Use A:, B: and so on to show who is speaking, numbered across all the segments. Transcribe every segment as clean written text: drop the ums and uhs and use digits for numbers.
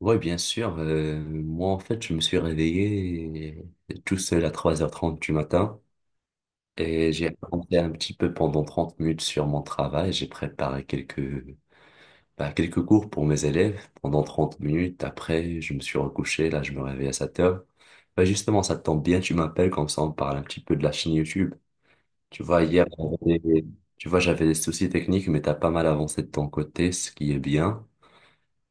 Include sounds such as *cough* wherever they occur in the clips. A: Oui, bien sûr. Moi, en fait, je me suis réveillé tout seul à 3h30 du matin et j'ai avancé un petit peu pendant 30 minutes sur mon travail. J'ai préparé quelques cours pour mes élèves pendant 30 minutes. Après, je me suis recouché. Là, je me réveille à 7h. Bah, justement, ça tombe bien, tu m'appelles, comme ça on parle un petit peu de la chaîne YouTube. Tu vois, hier, j'avais- tu vois, j'avais des soucis techniques, mais t'as pas mal avancé de ton côté, ce qui est bien.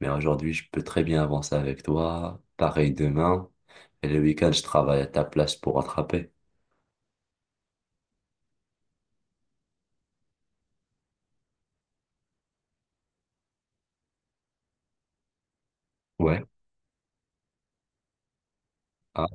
A: Mais aujourd'hui, je peux très bien avancer avec toi. Pareil demain. Et le week-end, je travaille à ta place pour rattraper. Ouais. Ah.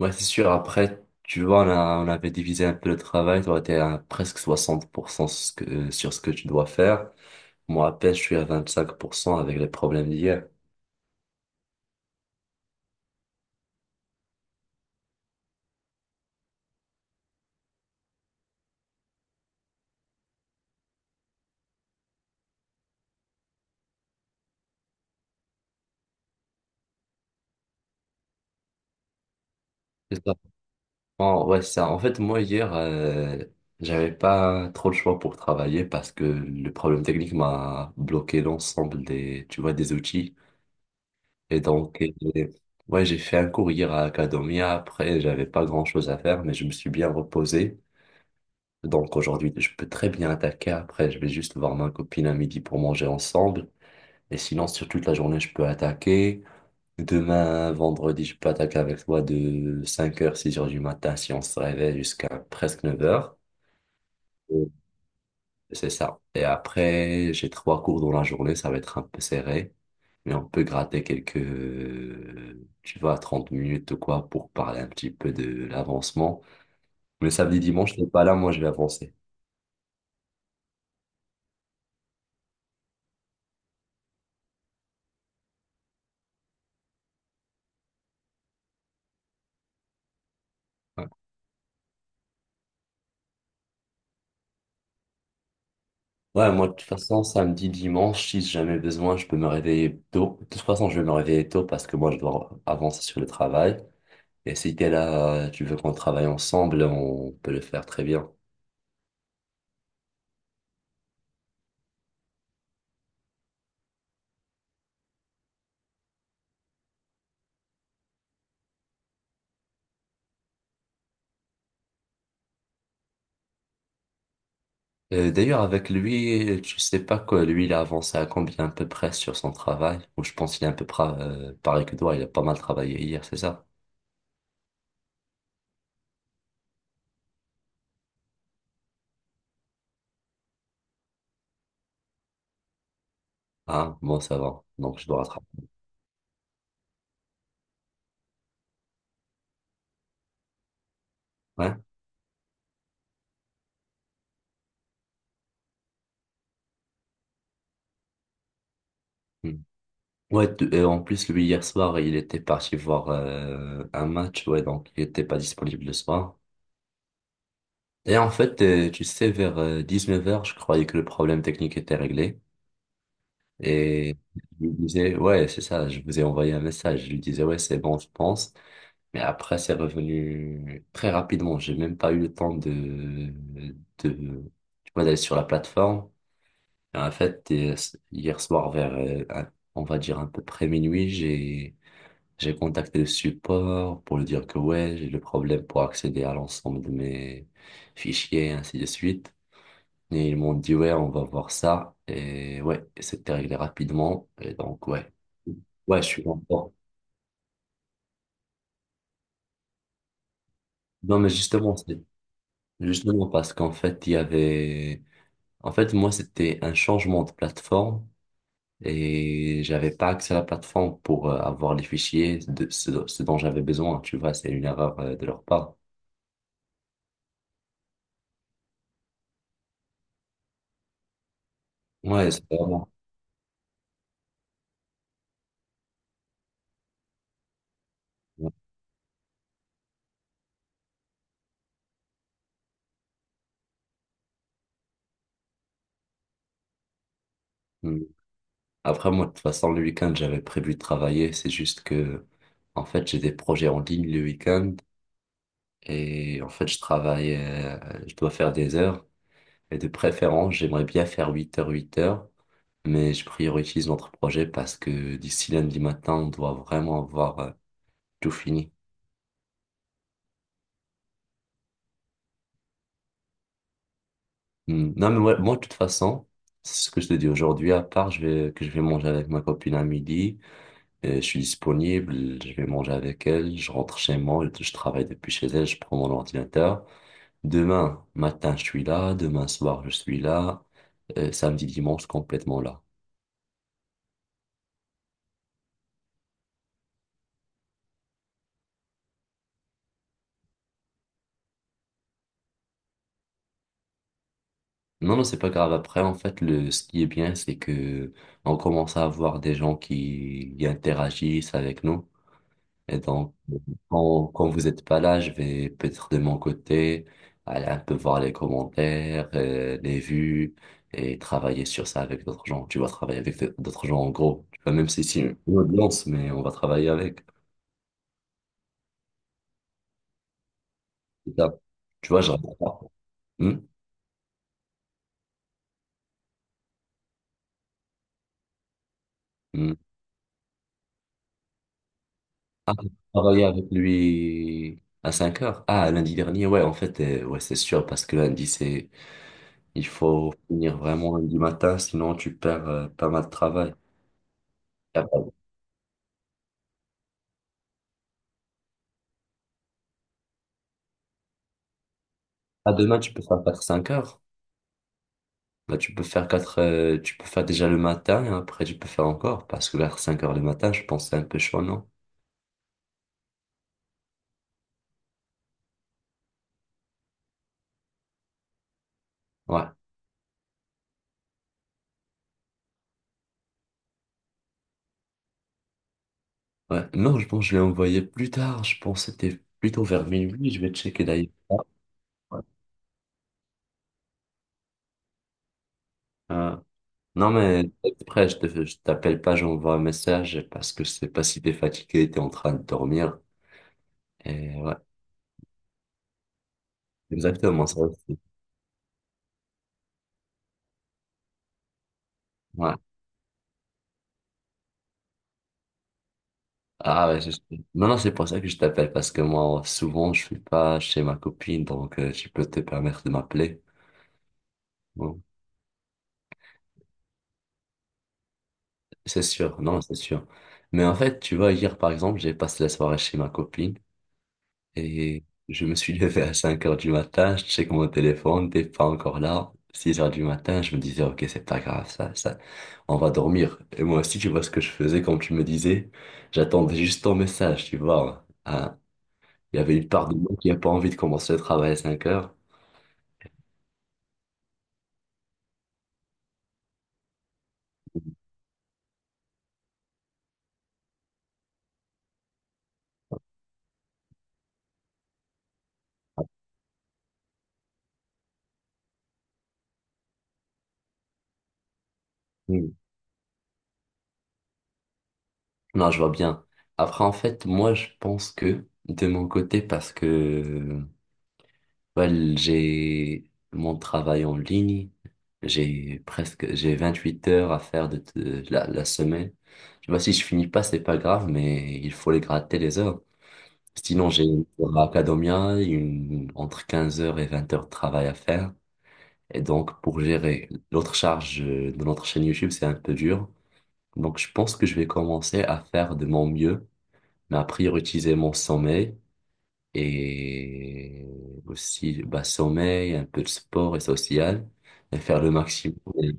A: Ouais, c'est sûr. Après, tu vois, on avait divisé un peu le travail. Toi, t'es à presque 60% sur ce que tu dois faire. Moi, à peine, je suis à 25% avec les problèmes d'hier. C'est ça. Ouais, c'est ça. En fait, moi, hier, j'avais pas trop le choix pour travailler parce que le problème technique m'a bloqué l'ensemble tu vois, des outils. Et donc, ouais, j'ai fait un cours hier à Academia. Après, j'avais pas grand-chose à faire, mais je me suis bien reposé. Donc, aujourd'hui, je peux très bien attaquer. Après, je vais juste voir ma copine à midi pour manger ensemble. Et sinon, sur toute la journée, je peux attaquer. Demain, vendredi, je peux attaquer avec toi de 5h 6h du matin si on se réveille jusqu'à presque 9h. C'est ça. Et après, j'ai trois cours dans la journée, ça va être un peu serré, mais on peut gratter quelques, tu vois, 30 minutes ou quoi pour parler un petit peu de l'avancement. Mais samedi, dimanche, t'es pas là, moi je vais avancer. Ouais, ouais, moi de toute façon, samedi, dimanche, si j'ai jamais besoin, je peux me réveiller tôt. De toute façon, je vais me réveiller tôt parce que moi je dois avancer sur le travail. Et si t'es là, tu veux qu'on travaille ensemble, on peut le faire très bien. D'ailleurs, avec lui, je sais pas quoi, lui, il a avancé à combien à peu près sur son travail. Ou je pense qu'il est à peu près, pareil que toi, il a pas mal travaillé hier, c'est ça? Ah, bon, ça va. Donc, je dois rattraper. Ouais. Hmm. Ouais, en plus, lui, hier soir, il était parti voir un match, ouais, donc il était pas disponible le soir. Et en fait, tu sais, vers 19h, je croyais que le problème technique était réglé. Et je lui disais, ouais, c'est ça, je vous ai envoyé un message. Je lui disais, ouais, c'est bon, je pense. Mais après, c'est revenu très rapidement. J'ai même pas eu le temps de, tu vois, d'aller sur la plateforme. Et en fait, hier soir, vers, on va dire à peu près minuit, j'ai contacté le support pour lui dire que ouais, j'ai le problème pour accéder à l'ensemble de mes fichiers, et ainsi de suite. Et ils m'ont dit ouais, on va voir ça. Et ouais, c'était réglé rapidement. Et donc, ouais. Ouais, je suis content. Non, mais justement, c'est justement parce qu'en fait, il y avait. En fait, moi, c'était un changement de plateforme et j'avais pas accès à la plateforme pour avoir les fichiers de ce dont j'avais besoin. Tu vois, c'est une erreur de leur part. Ouais, c'est vraiment. Ouais. Mm. Après, moi, de toute façon, le week-end, j'avais prévu de travailler. C'est juste que, en fait, j'ai des projets en ligne le week-end et en fait, je travaille, je dois faire des heures. Et de préférence, j'aimerais bien faire 8 heures, 8 heures, mais je priorise notre projet parce que d'ici lundi matin, on doit vraiment avoir tout fini. Hmm. Non, mais moi, de toute façon, c'est ce que je te dis aujourd'hui, à part que je vais manger avec ma copine à midi, et je suis disponible, je vais manger avec elle, je rentre chez moi, je travaille depuis chez elle, je prends mon ordinateur. Demain matin, je suis là, demain soir, je suis là, samedi, dimanche, complètement là. Non, non, c'est pas grave. Après, en fait, ce qui est bien, c'est que on commence à avoir des gens qui interagissent avec nous. Et donc, quand vous n'êtes pas là, je vais peut-être de mon côté aller un peu voir les commentaires, les vues et travailler sur ça avec d'autres gens. Tu vas travailler avec d'autres gens en gros. Tu vois, même si c'est une audience, mais on va travailler avec. C'est ça. Tu vois, je regarde pas. Hmm. Hmm. Ah, j'ai travaillé avec lui à 5h. Ah, lundi dernier, ouais, en fait, ouais, c'est sûr, parce que lundi, il faut finir vraiment lundi matin, sinon tu perds pas mal de travail. Ah, bah, ah, demain, tu peux faire 5 heures. Bah, tu peux faire déjà le matin et après tu peux faire encore parce que vers 5h du matin, je pense que c'est un peu chaud, non? Ouais, ouais. Non, je pense que je l'ai envoyé plus tard. Je pense que c'était plutôt vers minuit. Je vais checker d'ailleurs. Ouais. Ouais. Euh, non, mais après, je t'appelle pas, j'envoie un message parce que je sais pas si t'es fatigué, t'es en train de dormir. Et ouais, exactement, ça aussi. Ouais. Ah ouais, je sais. Non, non, c'est pour ça que je t'appelle parce que moi, souvent, je suis pas chez ma copine, donc tu peux te permettre de m'appeler. Bon. C'est sûr, non, c'est sûr. Mais en fait, tu vois, hier, par exemple, j'ai passé la soirée chez ma copine et je me suis *laughs* levé à 5h du matin, je check mon téléphone, t'es pas encore là. 6h du matin, je me disais, ok, c'est pas grave, ça, on va dormir. Et moi aussi, tu vois ce que je faisais quand tu me disais, j'attendais juste ton message, tu vois. Ah, il y avait une part de moi qui a pas envie de commencer le travail à 5h. Mm. Non, je vois bien. Après, en fait, moi, je pense que, de mon côté, parce que well, j'ai mon travail en ligne. J'ai 28 heures à faire la semaine. Tu vois, si je finis pas, c'est pas grave, mais il faut les gratter les heures. Sinon, j'ai une heure à Academia, entre 15 heures et 20 heures de travail à faire. Et donc, pour gérer l'autre charge de notre chaîne YouTube, c'est un peu dur. Donc, je pense que je vais commencer à faire de mon mieux, mais à prioriser mon sommeil et aussi bah, sommeil, un peu de sport et social, et faire le maximum. Et-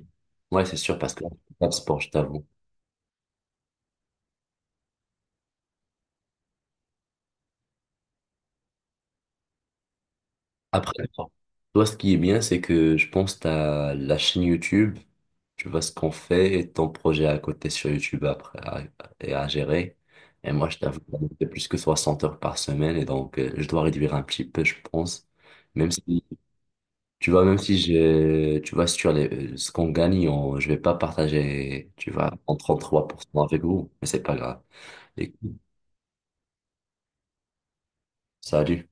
A: Ouais, c'est sûr, parce que là, je fais pas de sport, je t'avoue. Après, toi, ce qui est bien, c'est que je pense que t'as la chaîne YouTube, tu vois ce qu'on fait et ton projet à côté sur YouTube après et à gérer. Et moi, je t'avoue, c'est plus que 60 heures par semaine, et donc je dois réduire un petit peu, je pense, même si tu vois, même si je, tu vois, sur les, ce qu'on gagne, on, je vais pas partager, tu vois, en 33% avec vous, mais c'est pas grave. Écoute, salut.